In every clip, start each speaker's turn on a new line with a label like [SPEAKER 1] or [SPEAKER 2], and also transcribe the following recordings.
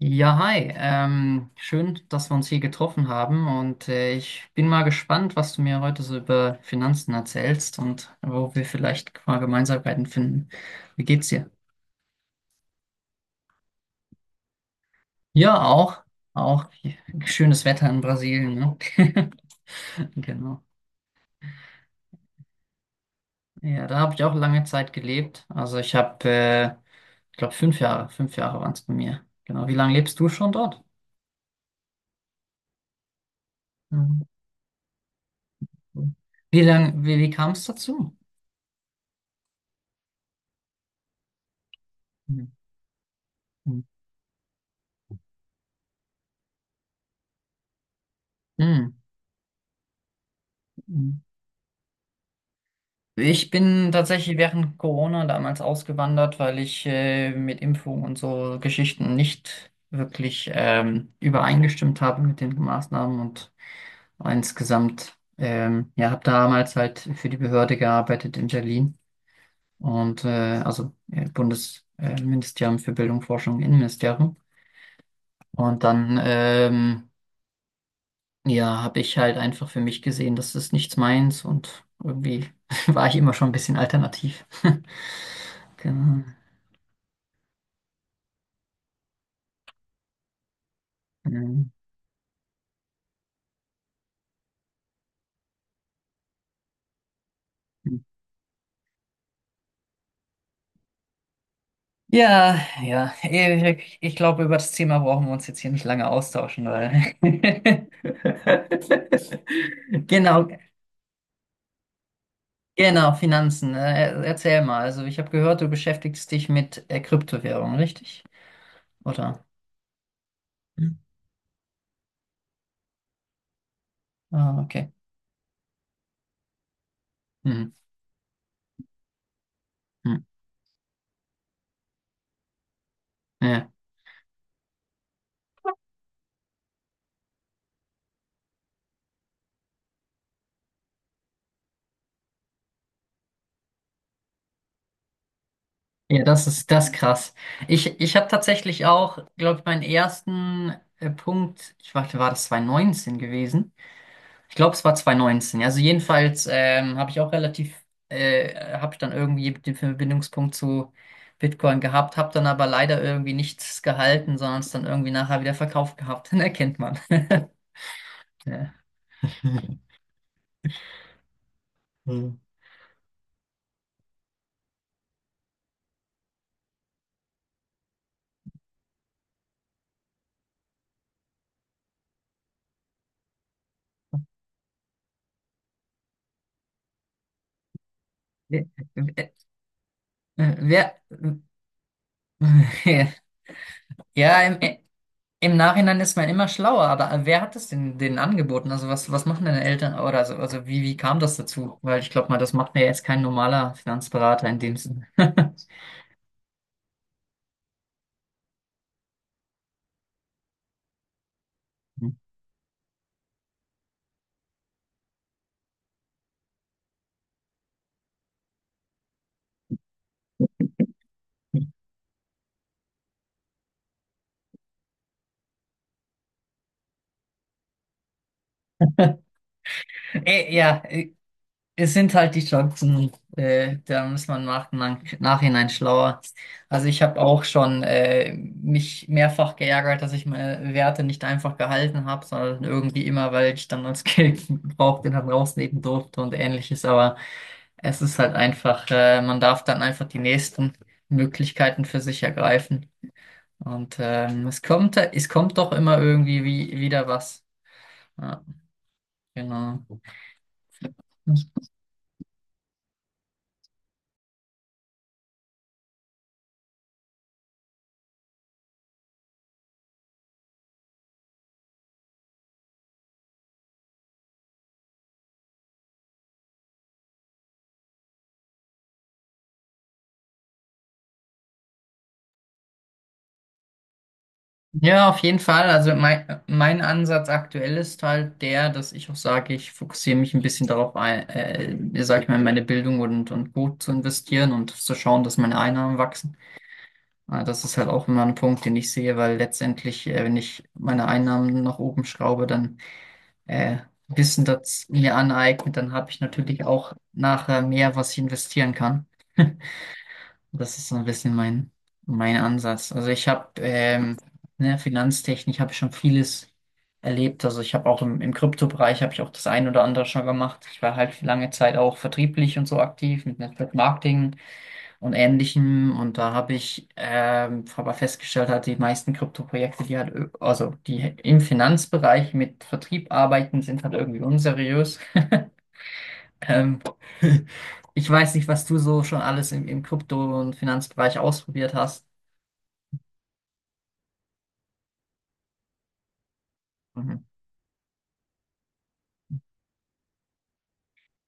[SPEAKER 1] Ja, hi. Schön, dass wir uns hier getroffen haben, und ich bin mal gespannt, was du mir heute so über Finanzen erzählst und wo wir vielleicht mal Gemeinsamkeiten finden. Wie geht's dir? Ja, auch. Auch schönes Wetter in Brasilien, ne? Genau. Ja, da habe ich auch lange Zeit gelebt. Also ich glaube, fünf Jahre waren es bei mir. Genau. Wie lange lebst du schon dort? Mhm. Wie kam es dazu? Mhm. Mhm. Mhm. Ich bin tatsächlich während Corona damals ausgewandert, weil ich mit Impfung und so Geschichten nicht wirklich übereingestimmt habe mit den Maßnahmen und insgesamt, ja, habe damals halt für die Behörde gearbeitet in Berlin und Bundesministerium Ministerium für Bildung, Forschung, Innenministerium. Und dann ja, habe ich halt einfach für mich gesehen, das ist nichts meins, und irgendwie war ich immer schon ein bisschen alternativ. Genau. Ähm. Ja, ich glaube, über das Thema brauchen wir uns jetzt hier nicht lange austauschen, weil. Genau, genau, Finanzen. Erzähl mal. Also, ich habe gehört, du beschäftigst dich mit Kryptowährungen, richtig? Oder? Hm. Ah, okay. Hm. Hm. Ja, das ist krass. Ich habe tatsächlich auch, glaube ich, meinen ersten Punkt, ich warte, war das 2019 gewesen? Ich glaube, es war 2019. Also jedenfalls habe ich auch habe ich dann irgendwie den Verbindungspunkt zu Bitcoin gehabt, habe dann aber leider irgendwie nichts gehalten, sondern es dann irgendwie nachher wieder verkauft gehabt. Dann erkennt man. Ja. Wer, wer, ja, im, Im Nachhinein ist man immer schlauer, aber wer hat es denn denen angeboten? Also was, was machen deine Eltern oder so? Also wie, wie kam das dazu? Weil ich glaube mal, das macht mir jetzt kein normaler Finanzberater in dem Sinne. Äh, ja, äh, es sind halt die Chancen, da muss man nachhinein schlauer. Also ich habe auch schon mich mehrfach geärgert, dass ich meine Werte nicht einfach gehalten habe, sondern irgendwie immer, weil ich dann als Geld gebraucht den dann rausnehmen durfte und ähnliches. Aber es ist halt einfach, man darf dann einfach die nächsten Möglichkeiten für sich ergreifen. Und es kommt doch immer irgendwie wieder was. Ja, genau. Ja, auf jeden Fall. Also mein Ansatz aktuell ist halt der, dass ich auch sage, ich fokussiere mich ein bisschen darauf, sag ich mal, in meine Bildung und gut zu investieren und zu schauen, dass meine Einnahmen wachsen. Das ist halt auch immer ein Punkt, den ich sehe, weil letztendlich, wenn ich meine Einnahmen nach oben schraube, dann äh, Wissen das mir aneignet, dann habe ich natürlich auch nachher mehr, was ich investieren kann. Das ist so ein bisschen mein Ansatz. Also ich habe ne, Finanztechnik habe ich schon vieles erlebt. Also ich habe auch im Kryptobereich habe ich auch das ein oder andere schon gemacht. Ich war halt für lange Zeit auch vertrieblich und so aktiv mit Network Marketing und Ähnlichem. Und da habe ich aber festgestellt, halt die meisten Krypto-Projekte, also die im Finanzbereich mit Vertrieb arbeiten, sind halt irgendwie unseriös. Ähm, ich weiß nicht, was du so schon alles im Krypto- und Finanzbereich ausprobiert hast. Mhm.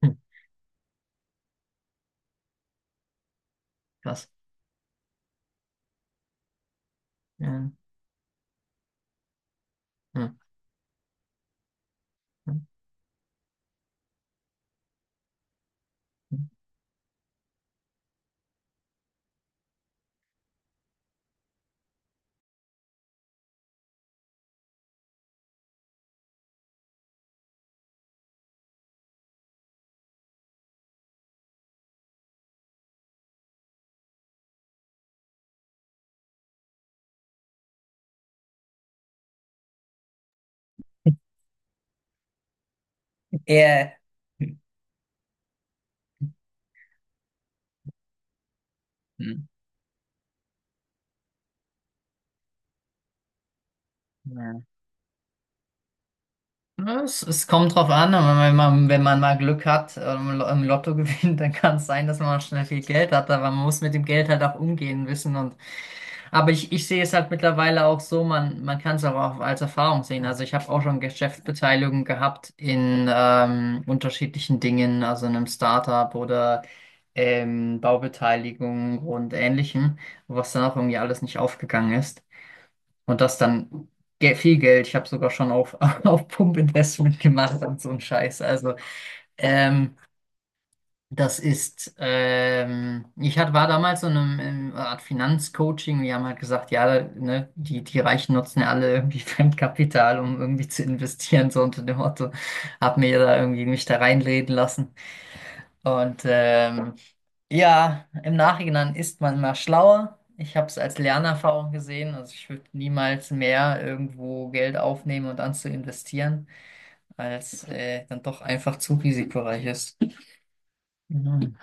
[SPEAKER 1] Hm. Krass. Ja. Hm. Hm. Hm. Ja. Hm. Hm. Ja. Ja, es kommt drauf an, aber wenn man, wenn man mal Glück hat im Lotto gewinnt, dann kann es sein, dass man schnell viel Geld hat, aber man muss mit dem Geld halt auch umgehen wissen, und aber ich sehe es halt mittlerweile auch so, man kann es auch als Erfahrung sehen. Also ich habe auch schon Geschäftsbeteiligung gehabt in unterschiedlichen Dingen, also in einem Startup oder Baubeteiligung und Ähnlichem, was dann auch irgendwie alles nicht aufgegangen ist. Und das dann viel Geld. Ich habe sogar schon auf, auf Pump-Investment gemacht und so ein Scheiß. Also, ähm, das ist, ich hat, war damals so in einem, in einer Art Finanzcoaching. Die haben halt gesagt, ja, ne, die Reichen nutzen ja alle irgendwie Fremdkapital, um irgendwie zu investieren, so unter dem Motto. Hab mir da irgendwie mich da reinreden lassen. Und ja, im Nachhinein ist man mal schlauer. Ich habe es als Lernerfahrung gesehen. Also ich würde niemals mehr irgendwo Geld aufnehmen und dann zu investieren, weil es dann doch einfach zu risikoreich ist. Mhm.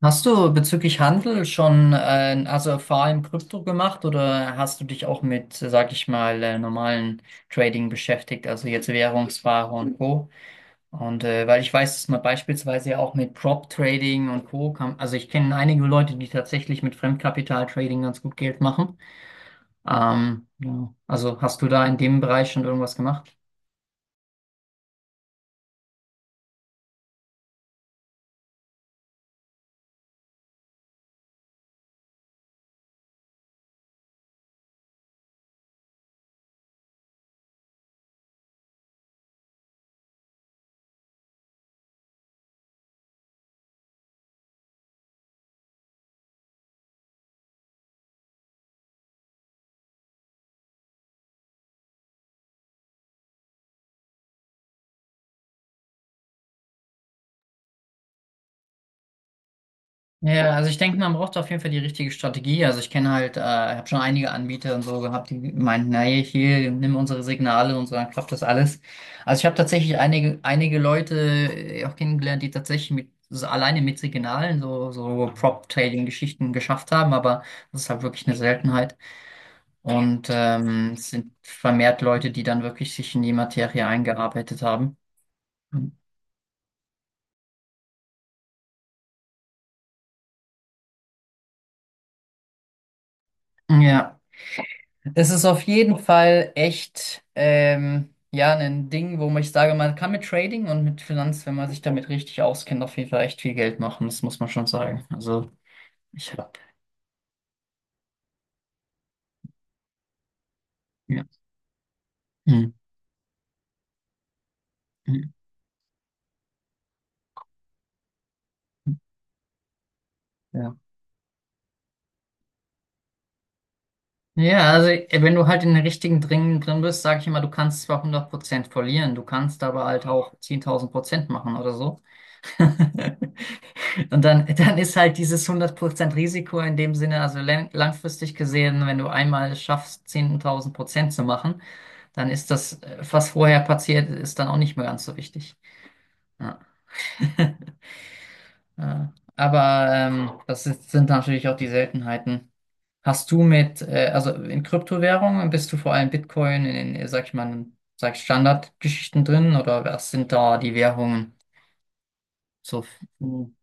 [SPEAKER 1] Hast du bezüglich Handel schon also vor allem Krypto gemacht, oder hast du dich auch mit, sag ich mal, normalen Trading beschäftigt, also jetzt Währungsware und Co.? Und weil ich weiß, dass man beispielsweise ja auch mit Prop Trading und Co. kann, also ich kenne einige Leute, die tatsächlich mit Fremdkapital Trading ganz gut Geld machen. Ja. Also hast du da in dem Bereich schon irgendwas gemacht? Ja, also ich denke, man braucht auf jeden Fall die richtige Strategie. Also ich kenne halt, habe schon einige Anbieter und so gehabt, die meinten, naja, hier, nimm unsere Signale, und unsere klappt das alles. Also ich habe tatsächlich einige Leute auch kennengelernt, die tatsächlich mit, so alleine mit Signalen so Prop-Trading-Geschichten geschafft haben, aber das ist halt wirklich eine Seltenheit. Und es sind vermehrt Leute, die dann wirklich sich in die Materie eingearbeitet haben. Ja. Es ist auf jeden Fall echt ja ein Ding, wo man— ich sage, man kann mit Trading und mit Finanz, wenn man sich damit richtig auskennt, auf jeden Fall echt viel Geld machen. Das muss man schon sagen. Also ich habe ja. Hm, hm, hm, ja. Ja, also wenn du halt in den richtigen Dingen drin bist, sage ich immer, du kannst zwar hundert Prozent verlieren, du kannst aber halt auch 10.000% machen oder so. Und dann ist halt dieses 100% Risiko in dem Sinne, also langfristig gesehen, wenn du einmal es schaffst, 10.000 Prozent zu machen, dann ist das, was vorher passiert, ist dann auch nicht mehr ganz so wichtig. Ja. Ja. Aber das ist, sind natürlich auch die Seltenheiten. Hast du mit, also in Kryptowährungen bist du vor allem Bitcoin in den, sag ich mal, sag ich Standardgeschichten drin, oder was sind da die Währungen so? Hm.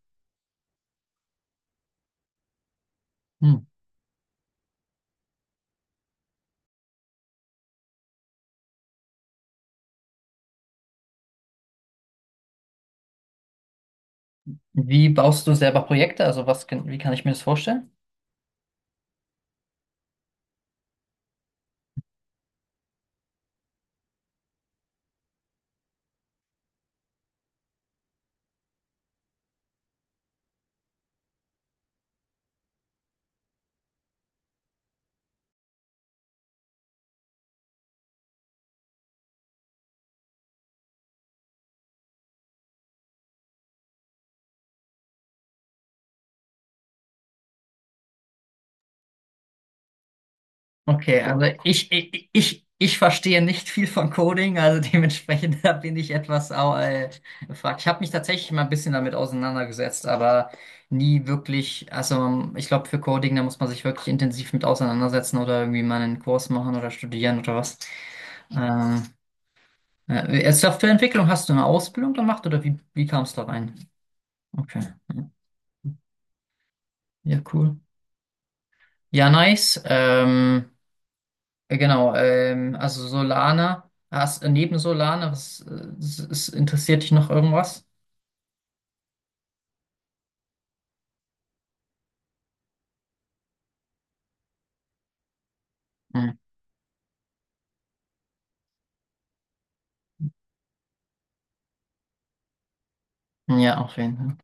[SPEAKER 1] Wie baust du selber Projekte? Also was, wie kann ich mir das vorstellen? Okay, also ich verstehe nicht viel von Coding, also dementsprechend da bin ich etwas gefragt. Ich habe mich tatsächlich mal ein bisschen damit auseinandergesetzt, aber nie wirklich, also ich glaube für Coding, da muss man sich wirklich intensiv mit auseinandersetzen oder irgendwie mal einen Kurs machen oder studieren oder was. Ähm, Softwareentwicklung hast du eine Ausbildung gemacht, oder wie, wie kam es da rein? Okay, ja, cool. Ja, nice. Genau, also Solana, hast, neben Solana, was, interessiert dich noch irgendwas? Hm. Ja, auf jeden Fall.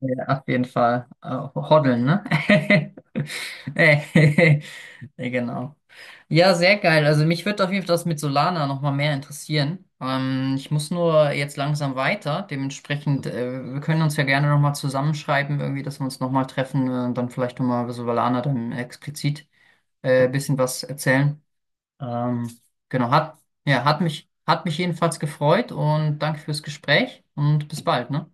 [SPEAKER 1] Ja, auf jeden Fall. Hoddeln, ne? Äh, ja, genau. Ja, sehr geil. Also mich würde auf jeden Fall das mit Solana nochmal mehr interessieren. Ich muss nur jetzt langsam weiter. Dementsprechend, wir können uns ja gerne nochmal zusammenschreiben, irgendwie, dass wir uns nochmal treffen und dann vielleicht nochmal über Solana dann explizit ein bisschen was erzählen. Ähm, genau, hat, ja, hat mich jedenfalls gefreut, und danke fürs Gespräch, und bis bald, ne?